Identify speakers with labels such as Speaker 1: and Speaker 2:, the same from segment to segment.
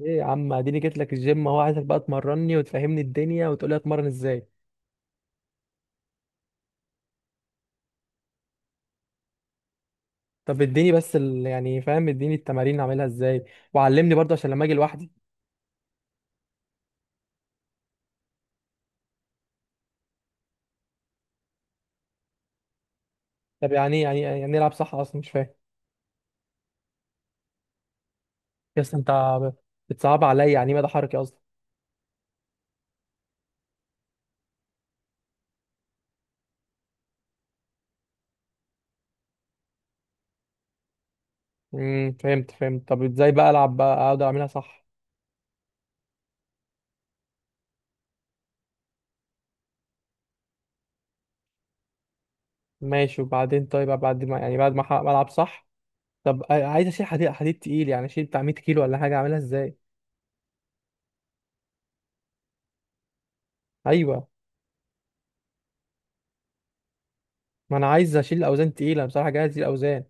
Speaker 1: ايه يا عم، اديني جيت لك الجيم اهو، عايزك بقى تمرني وتفهمني الدنيا وتقول لي اتمرن ازاي؟ طب اديني بس يعني فاهم، اديني التمارين اعملها ازاي؟ وعلمني برضه عشان لما اجي لوحدي. طب يعني يعني نلعب صح اصلا، مش فاهم. يا اسطى، انت ب- بتصعب عليا. يعني إيه مدى حركي اصلا؟ فهمت فهمت. طب ازاي بقى العب بقى، اقعد اعملها صح؟ ماشي وبعدين، طيب بعد ما يعني بعد ما ما العب صح. طب عايز اشيل حديد حديد تقيل، يعني اشيل بتاع 100 كيلو ولا حاجه؟ اعملها ازاي؟ ايوه، ما انا عايز اشيل اوزان تقيله بصراحه، جاهز الاوزان.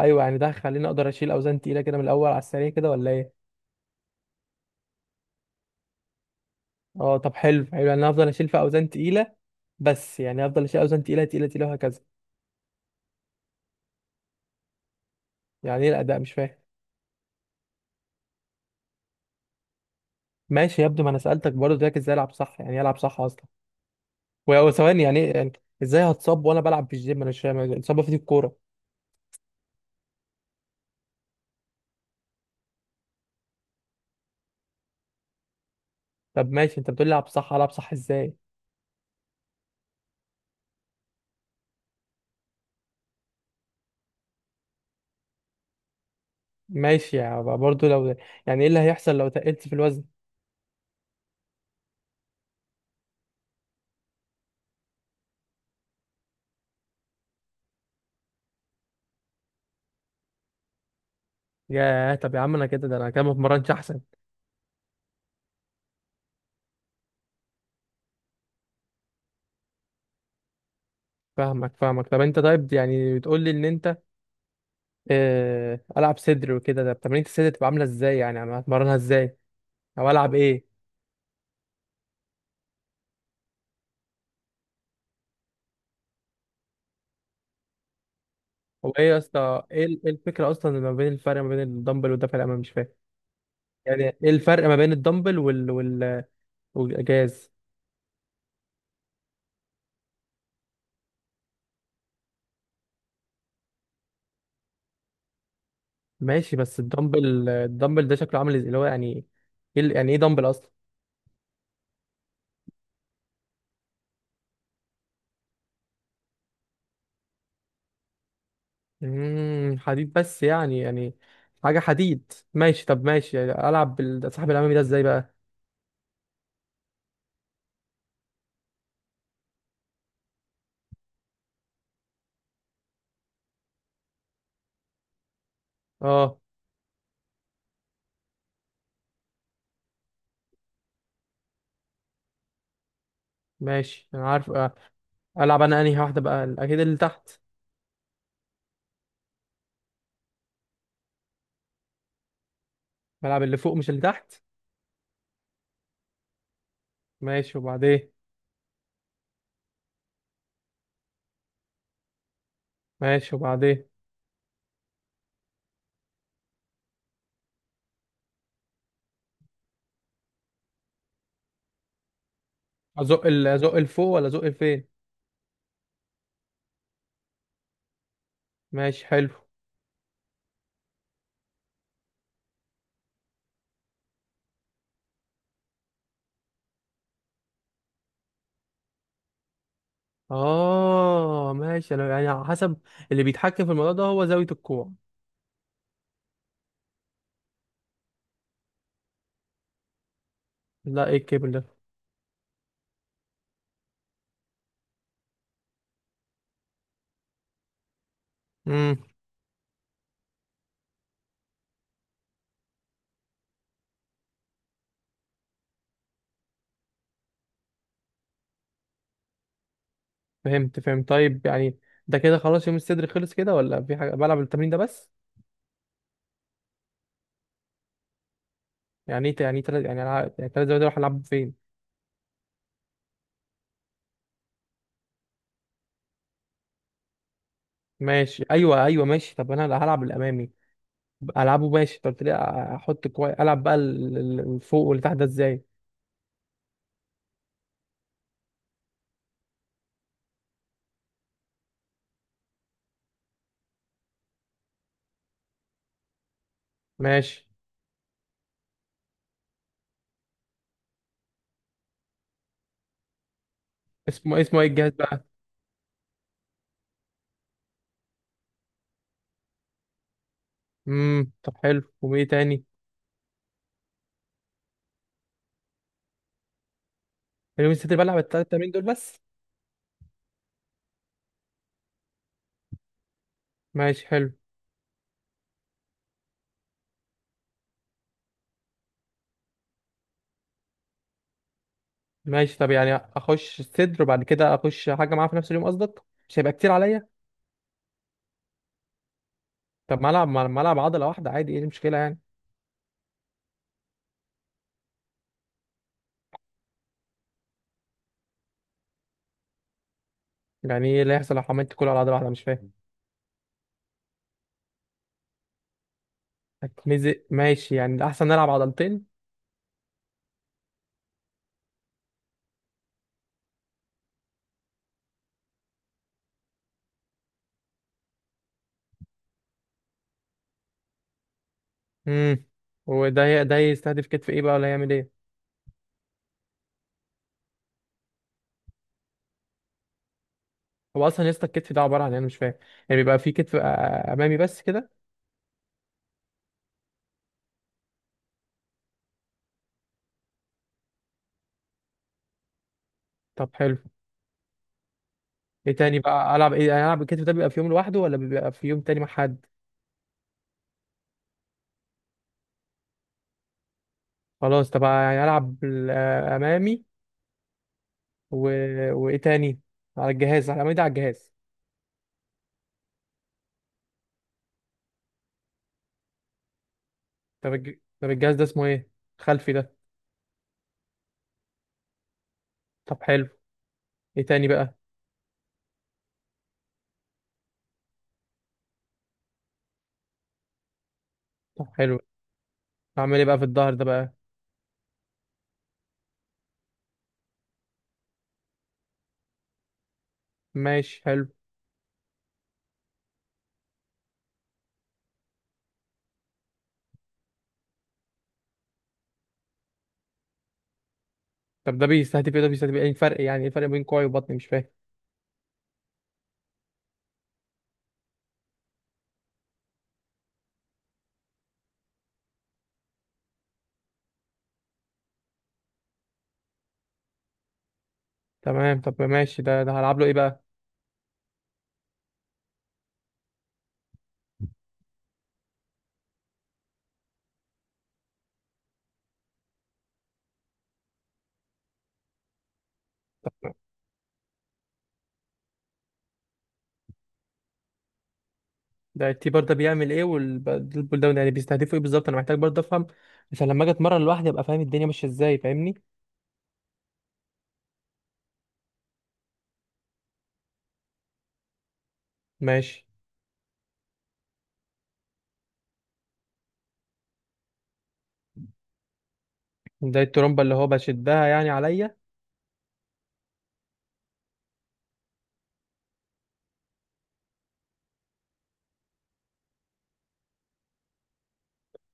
Speaker 1: ايوه، يعني ده هيخليني اقدر اشيل اوزان تقيله كده من الاول على السريع كده، ولا ايه؟ اه، طب حلو حلو، يعني انا افضل اشيل في اوزان تقيله. بس يعني افضل اشيل اوزان تقيله تقيله تقيله وهكذا. يعني ايه الاداء؟ مش فاهم. ماشي، يبدو، ما انا سالتك برضه ده، ازاي العب صح؟ يعني إيه العب صح اصلا؟ وثواني، يعني ايه يعني؟ ازاي هتصاب وانا بلعب في الجيم؟ انا مش فاهم الاصابه في دي الكوره. طب ماشي، انت بتقول لي العب صح، العب صح ازاي؟ ماشي، يعني برضه لو. يعني ايه اللي هيحصل لو تقلت في الوزن؟ ياه، طب يا عم انا كده ما اتمرنش احسن. فاهمك فاهمك. طب انت، طيب يعني بتقول لي ان انت العب صدر وكده. ده تمارين الصدر تبقى عامله ازاي؟ يعني انا هتمرنها ازاي؟ او العب ايه؟ هو ايه يا اسطى، ايه إيه الفكره اصلا ما بين الفرق ما بين الدمبل والدفع الامامي؟ مش فاهم. يعني ايه الفرق ما بين الدمبل والاجاز؟ ماشي، بس الدمبل ده شكله عامل ازاي اللي هو يعني؟ ايه يعني ايه دمبل اصلا؟ حديد بس يعني حاجه حديد، ماشي طب ماشي، يعني العب صاحب الامامي ده ازاي بقى؟ اه ماشي، انا عارف. العب انا انهي واحده بقى؟ اكيد اللي تحت. بلعب اللي فوق مش اللي تحت؟ ماشي وبعدين. ماشي وبعدين. ازق ازق لفوق ولا ازق لفين؟ ماشي حلو. اه ماشي، انا يعني على حسب. اللي بيتحكم في الموضوع ده هو زاوية الكوع. لا، ايه الكيبل ده؟ امم فهمت فهمت، طيب يعني ده كده خلاص يوم الصدر خلص كده، ولا في حاجة؟ بلعب التمرين ده بس؟ يعني ايه يعني تلات، يعني يعني تلات زوايا دول هلعب فين؟ ماشي ايوه ايوه ماشي، طب انا هلعب الامامي. العبه ماشي، طب قلت لي احط كويس، العب بقى الفوق واللي تحت ده ازاي؟ ماشي. اسمه إيه؟ اسمه ايه الجهاز بقى؟ طب حلو، وايه تاني؟ اليومين الصدر بلعب التلات تمارين دول بس؟ ماشي حلو. ماشي، طب يعني اخش الصدر وبعد كده اخش حاجه معاه في نفس اليوم قصدك؟ مش هيبقى كتير عليا؟ طب ما العب، ما العب عضله واحده عادي، ايه المشكله يعني؟ يعني ايه اللي هيحصل لو عملت كله على عضله واحده؟ مش فاهم. هتمزق؟ ماشي، يعني الاحسن نلعب عضلتين. امم وده ده يستهدف كتف ايه بقى، ولا هيعمل ايه؟ هو اصلا يسطا الكتف ده عباره عن إيه؟ انا مش فاهم. يعني بيبقى في كتف امامي بس كده؟ طب حلو. ايه تاني بقى؟ العب ايه؟ يعني العب الكتف ده بيبقى في يوم لوحده ولا بيبقى في يوم تاني مع حد؟ خلاص، طب يعني العب امامي و. وايه تاني؟ على الجهاز، على الامامي ده على الجهاز؟ طب طب الجهاز ده اسمه ايه، خلفي ده؟ طب حلو. ايه تاني بقى؟ طب حلو، اعمل ايه بقى في الظهر ده بقى؟ ماشي حلو. طب ده بيستهدف ايه، ده بيستهدف ايه؟ إيه الفرق؟ يعني ايه الفرق بين كوعي وبطني؟ مش فاهم. تمام، طب ماشي، ده هلعب له ايه بقى؟ ده التيبر ده بيعمل ايه، والبول داون يعني بيستهدفوا ايه بالظبط؟ انا محتاج برضه افهم عشان لما اجي اتمرن لوحدي ابقى فاهم الدنيا ماشيه ازاي، فاهمني؟ ماشي. ده الترومبة اللي هو بشدها يعني عليا؟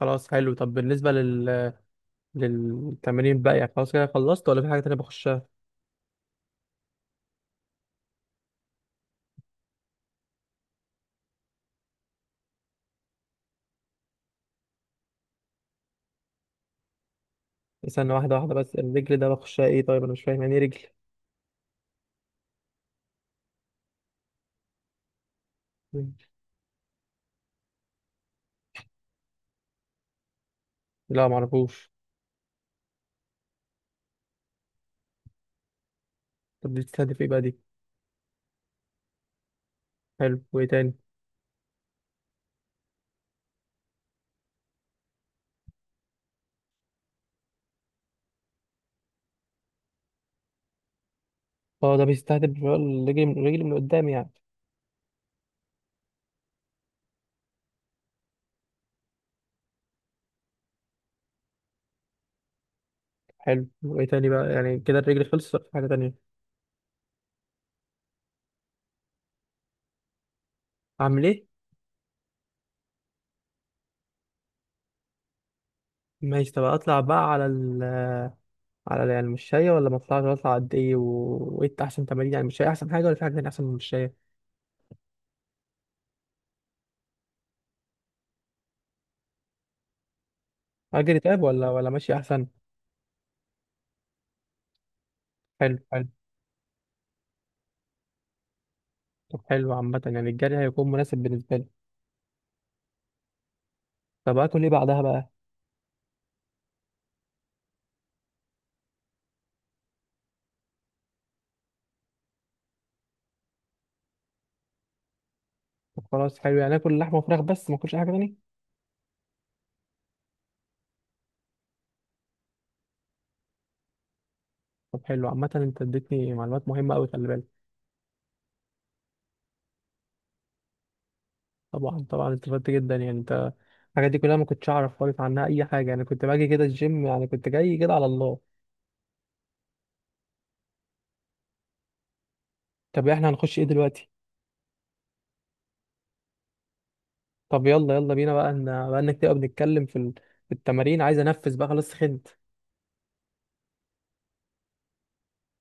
Speaker 1: خلاص حلو، طب بالنسبة للتمرين بقى، يعني خلاص كده خلصت ولا في حاجة تانية بخشها؟ استنى واحدة واحدة، بس الرجل ده بخشها ايه طيب؟ انا مش فاهم يعني ايه رجل؟ لا، معرفوش. طب دي بتستهدف ايه بقى دي؟ حلو، وايه تاني؟ اه، ده بيستهدف بقى الرجل، الرجل من قدام يعني؟ حلو، وايه تاني بقى؟ يعني كده الرجل خلصت ولا في حاجة تانية؟ اعمل ايه؟ ماشي، طب اطلع بقى على على يعني المشاية، ولا ما اطلعش؟ اطلع قد ايه وايه احسن تمارين؟ يعني المشاية احسن حاجة ولا في حاجة تانية احسن من المشاية؟ اجري طيب، ولا ماشي احسن؟ حلو حلو. طب حلو عامه، يعني الجري هيكون مناسب بالنسبه لي. طب اكل ايه بعدها بقى؟ طب خلاص حلو، يعني اكل لحمه وفراخ بس ما اكلش اي حاجه تاني؟ طب حلو عامه، انت اديتني معلومات مهمه قوي، خلي بالك. طبعا طبعا، استفدت جدا يعني. انت الحاجات دي كلها ما كنتش اعرف خالص عنها اي حاجه، يعني كنت باجي كده الجيم، يعني كنت جاي كده على الله. طب احنا هنخش ايه دلوقتي؟ طب يلا يلا بينا بقى، ان بقى انك تبقى بنتكلم في في التمارين، عايز انفذ بقى خلاص، خنت.